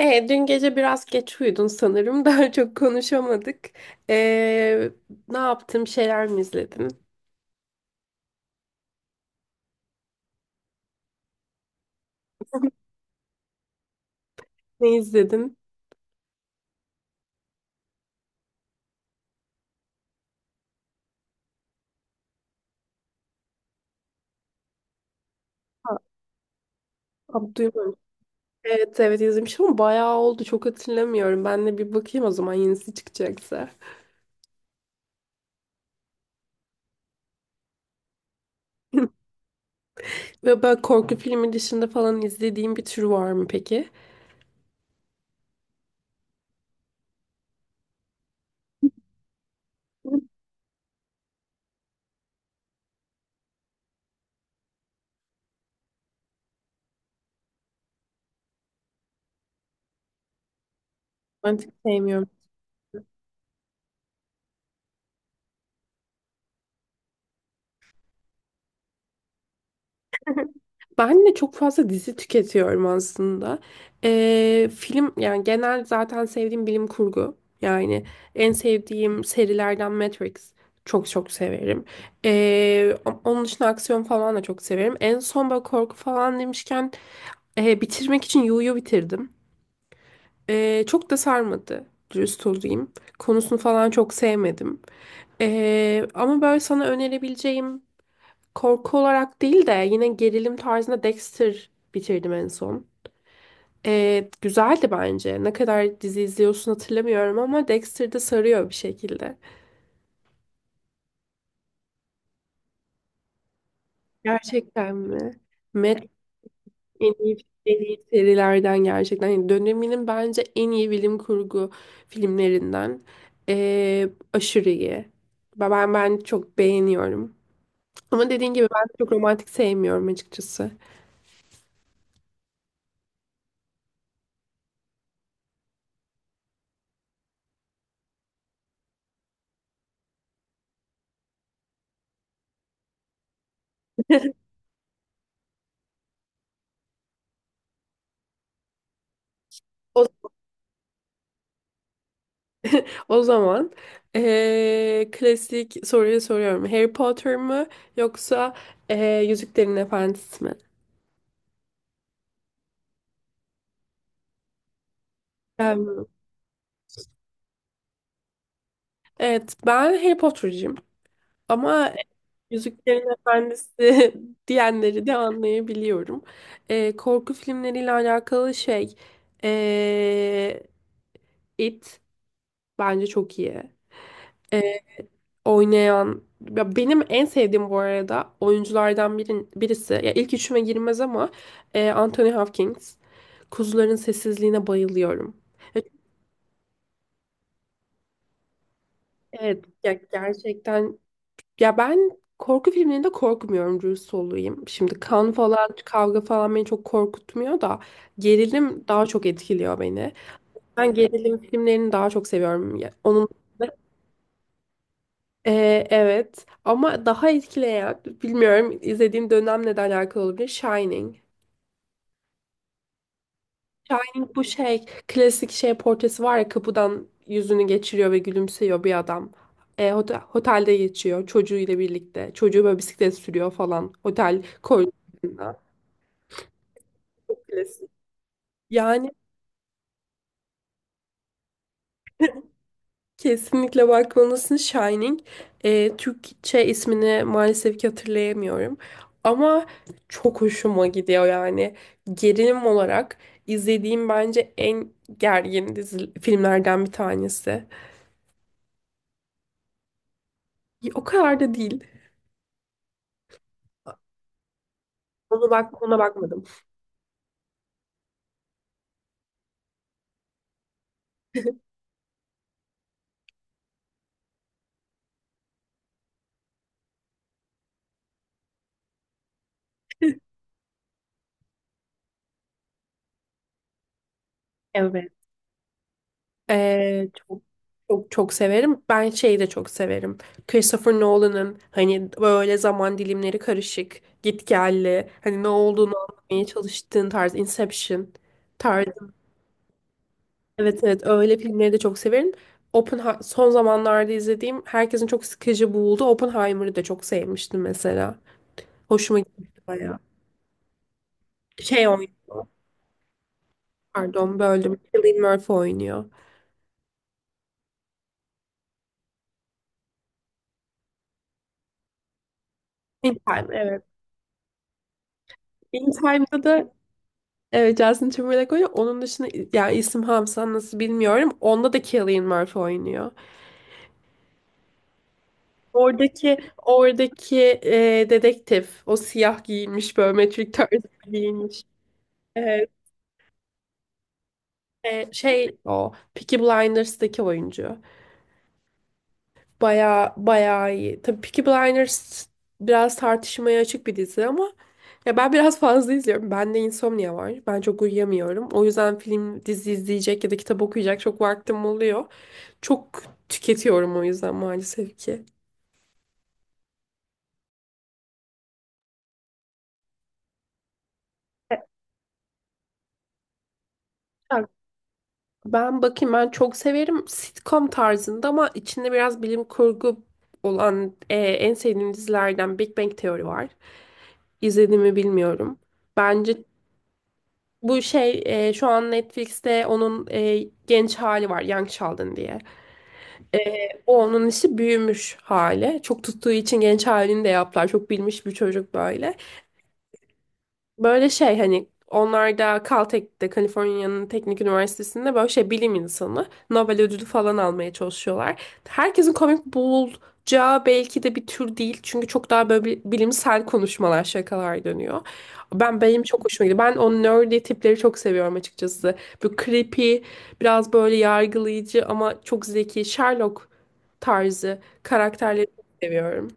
Dün gece biraz geç uyudun sanırım. Daha çok konuşamadık. E, Ne yaptın? Bir şeyler mi izledin? Ne izledin? Ha, ha, Duymadım. Evet, izlemişim ama bayağı oldu. Çok hatırlamıyorum. Ben de bir bakayım o zaman yenisi çıkacaksa. Ve böyle korku filmi dışında falan izlediğin bir tür var mı peki? Ben çok sevmiyorum. Ben de çok fazla dizi tüketiyorum aslında. Film yani genel zaten sevdiğim bilim kurgu. Yani en sevdiğim serilerden Matrix. Çok çok severim. Onun dışında aksiyon falan da çok severim. En son böyle korku falan demişken bitirmek için Yu'yu bitirdim. Çok da sarmadı. Dürüst olayım. Konusunu falan çok sevmedim. Ama böyle sana önerebileceğim, korku olarak değil de yine gerilim tarzında, Dexter bitirdim en son. Güzeldi bence. Ne kadar dizi izliyorsun hatırlamıyorum ama Dexter de sarıyor bir şekilde. Gerçekten mi? Mad En iyi, en iyi serilerden gerçekten. Yani döneminin bence en iyi bilim kurgu filmlerinden. Aşırı iyi. Ben çok beğeniyorum. Ama dediğin gibi ben çok romantik sevmiyorum açıkçası. O o zaman klasik soruyu soruyorum. Harry Potter mı yoksa Yüzüklerin Efendisi mi? Ben mi? Evet, ben Harry Potter'cıyım. Ama Yüzüklerin Efendisi diyenleri de anlayabiliyorum. Korku filmleriyle alakalı şey, eee, It bence çok iyi. Oynayan, ya benim en sevdiğim bu arada oyunculardan birisi, ya ilk üçüme girmez ama Anthony Hopkins. Kuzuların sessizliğine bayılıyorum. Evet ya gerçekten, ya ben korku filmlerinde korkmuyorum dürüst olayım. Şimdi kan falan kavga falan beni çok korkutmuyor da gerilim daha çok etkiliyor beni. Ben gerilim filmlerini daha çok seviyorum. Ya onun evet ama daha etkileyen, bilmiyorum izlediğim dönemle de alakalı olabilir, Shining. Shining bu şey klasik şey portresi var ya, kapıdan yüzünü geçiriyor ve gülümseyiyor bir adam. Otelde geçiyor çocuğuyla birlikte. Çocuğu böyle bisiklet sürüyor falan. Otel koridorunda. Klasik. Yani kesinlikle bakmalısın Shining. Türkçe ismini maalesef ki hatırlayamıyorum. Ama çok hoşuma gidiyor yani. Gerilim olarak izlediğim bence en gergin dizi, filmlerden bir tanesi. O kadar da değil. Onu bak, ona bakmadım. Evet. Ee, çok Çok çok severim. Ben şeyi de çok severim. Christopher Nolan'ın hani böyle zaman dilimleri karışık, gitgelli, hani ne olduğunu anlamaya çalıştığın tarz, Inception tarzı. Evet evet öyle filmleri de çok severim. Son zamanlarda izlediğim herkesin çok sıkıcı bulduğu Oppenheimer'ı da çok sevmiştim mesela. Hoşuma gitti bayağı. Şey oynuyor. Pardon böldüm. Cillian Murphy oynuyor. In Time evet. In Time'da da, evet, Justin Timberlake oynuyor. Onun dışında yani isim Hamsa nasıl bilmiyorum. Onda da Cillian Murphy oynuyor. Oradaki dedektif o, siyah giyinmiş böyle Matrix tarzı giyinmiş. Evet, şey, o Peaky Blinders'daki oyuncu. Baya baya iyi. Tabii Peaky Blinders biraz tartışmaya açık bir dizi ama ya ben biraz fazla izliyorum. Bende insomnia var. Ben çok uyuyamıyorum. O yüzden film dizi izleyecek ya da kitap okuyacak çok vaktim oluyor. Çok tüketiyorum o yüzden maalesef ki. Ya ben bakayım, ben çok severim sitcom tarzında ama içinde biraz bilim kurgu olan, en sevdiğim dizilerden Big Bang Theory var. İzlediğimi bilmiyorum. Bence bu şey, şu an Netflix'te onun genç hali var, Young Sheldon diye. E, O onun işi büyümüş hali. Çok tuttuğu için genç halini de yaptılar. Çok bilmiş bir çocuk böyle. Böyle şey hani, onlar da Caltech'te, Kaliforniya'nın Teknik Üniversitesi'nde, böyle şey bilim insanı, Nobel ödülü falan almaya çalışıyorlar. Herkesin komik bulacağı belki de bir tür değil. Çünkü çok daha böyle bilimsel konuşmalar, şakalar dönüyor. Benim çok hoşuma gidiyor. Ben o nerdy tipleri çok seviyorum açıkçası. Bu creepy, biraz böyle yargılayıcı ama çok zeki, Sherlock tarzı karakterleri çok seviyorum.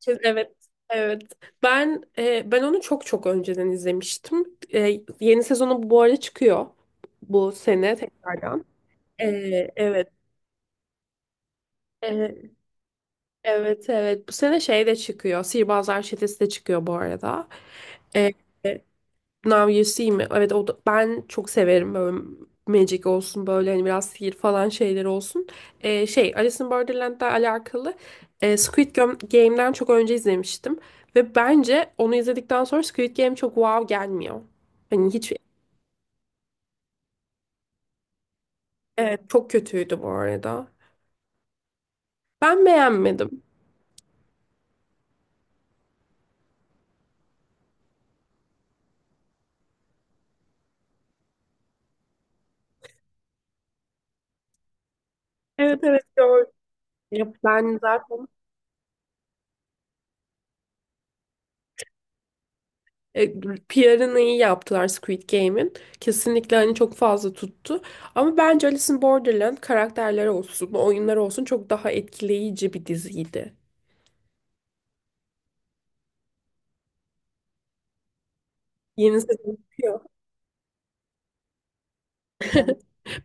Evet, evet. Ben ben onu çok çok önceden izlemiştim. Yeni sezonu bu arada çıkıyor bu sene tekrardan. E, evet, e, evet, evet. Bu sene şey de çıkıyor. Sihirbazlar Çetesi de çıkıyor bu arada. E, e, Now You See Me. Evet o da, ben çok severim böyle, magic olsun böyle hani biraz sihir falan şeyler olsun. Şey, Alice in Borderland'la alakalı, Squid Game'den çok önce izlemiştim. Ve bence onu izledikten sonra Squid Game çok wow gelmiyor. Hani hiç, evet, çok kötüydü bu arada. Ben beğenmedim. Evet evet gördüm. Ya ben zaten E, PR'ını iyi yaptılar Squid Game'in. Kesinlikle hani çok fazla tuttu. Ama bence Alice in Borderland karakterleri olsun, oyunlar olsun çok daha etkileyici bir diziydi. Yeni sezon çıkıyor.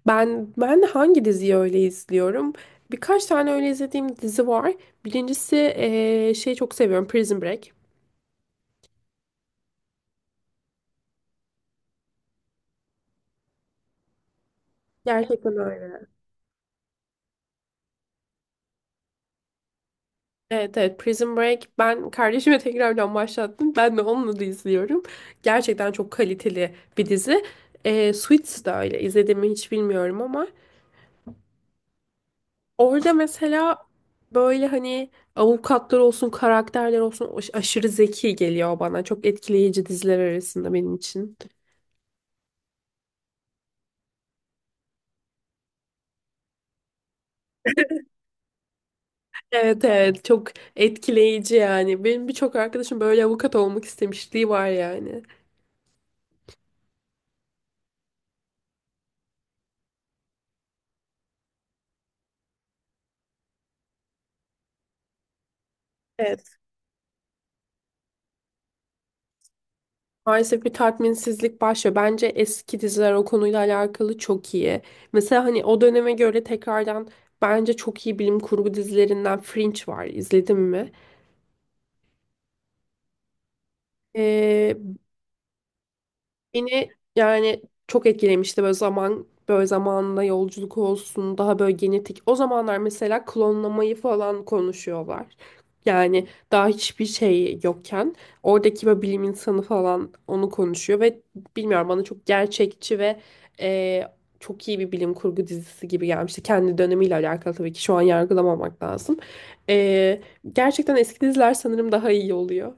Ben hangi diziyi öyle izliyorum? Birkaç tane öyle izlediğim dizi var. Birincisi şey, çok seviyorum Prison Break. Gerçekten öyle. Evet evet Prison Break, ben kardeşime tekrardan başlattım. Ben de onunla da izliyorum. Gerçekten çok kaliteli bir dizi. Suits da öyle izlediğimi hiç bilmiyorum ama orada mesela böyle hani avukatlar olsun karakterler olsun aşırı zeki geliyor bana. Çok etkileyici diziler arasında benim için. Evet evet çok etkileyici yani. Benim birçok arkadaşım böyle avukat olmak istemişliği var yani. Evet, maalesef bir tatminsizlik başlıyor. Bence eski diziler o konuyla alakalı çok iyi. Mesela hani o döneme göre tekrardan bence çok iyi bilim kurgu dizilerinden Fringe var. İzledin mi? Ee, Beni yani çok etkilemişti, böyle zamanla yolculuk olsun, daha böyle genetik. O zamanlar mesela klonlamayı falan konuşuyorlar. Yani daha hiçbir şey yokken oradaki böyle bilim insanı falan onu konuşuyor ve bilmiyorum, bana çok gerçekçi ve e, çok iyi bir bilim kurgu dizisi gibi gelmişti. Kendi dönemiyle alakalı tabii ki, şu an yargılamamak lazım. E, Gerçekten eski diziler sanırım daha iyi oluyor.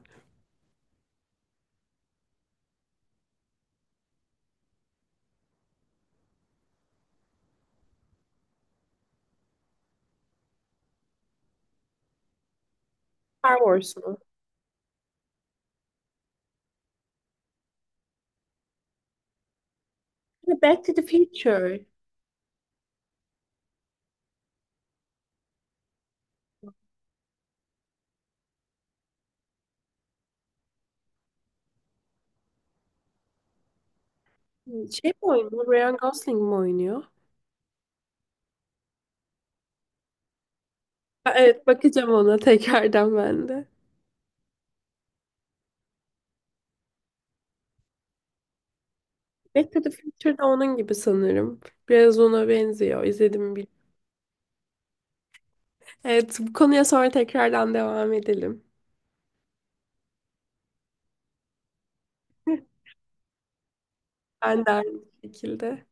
Star Wars mu? Back to the Future. Şey mi oynuyor? Ryan Gosling mi oynuyor? Ha, evet bakacağım ona tekrardan ben de. Back to the Future de onun gibi sanırım. Biraz ona benziyor. İzledim mi bilmiyorum. Evet bu konuya sonra tekrardan devam edelim. Ben de aynı şekilde.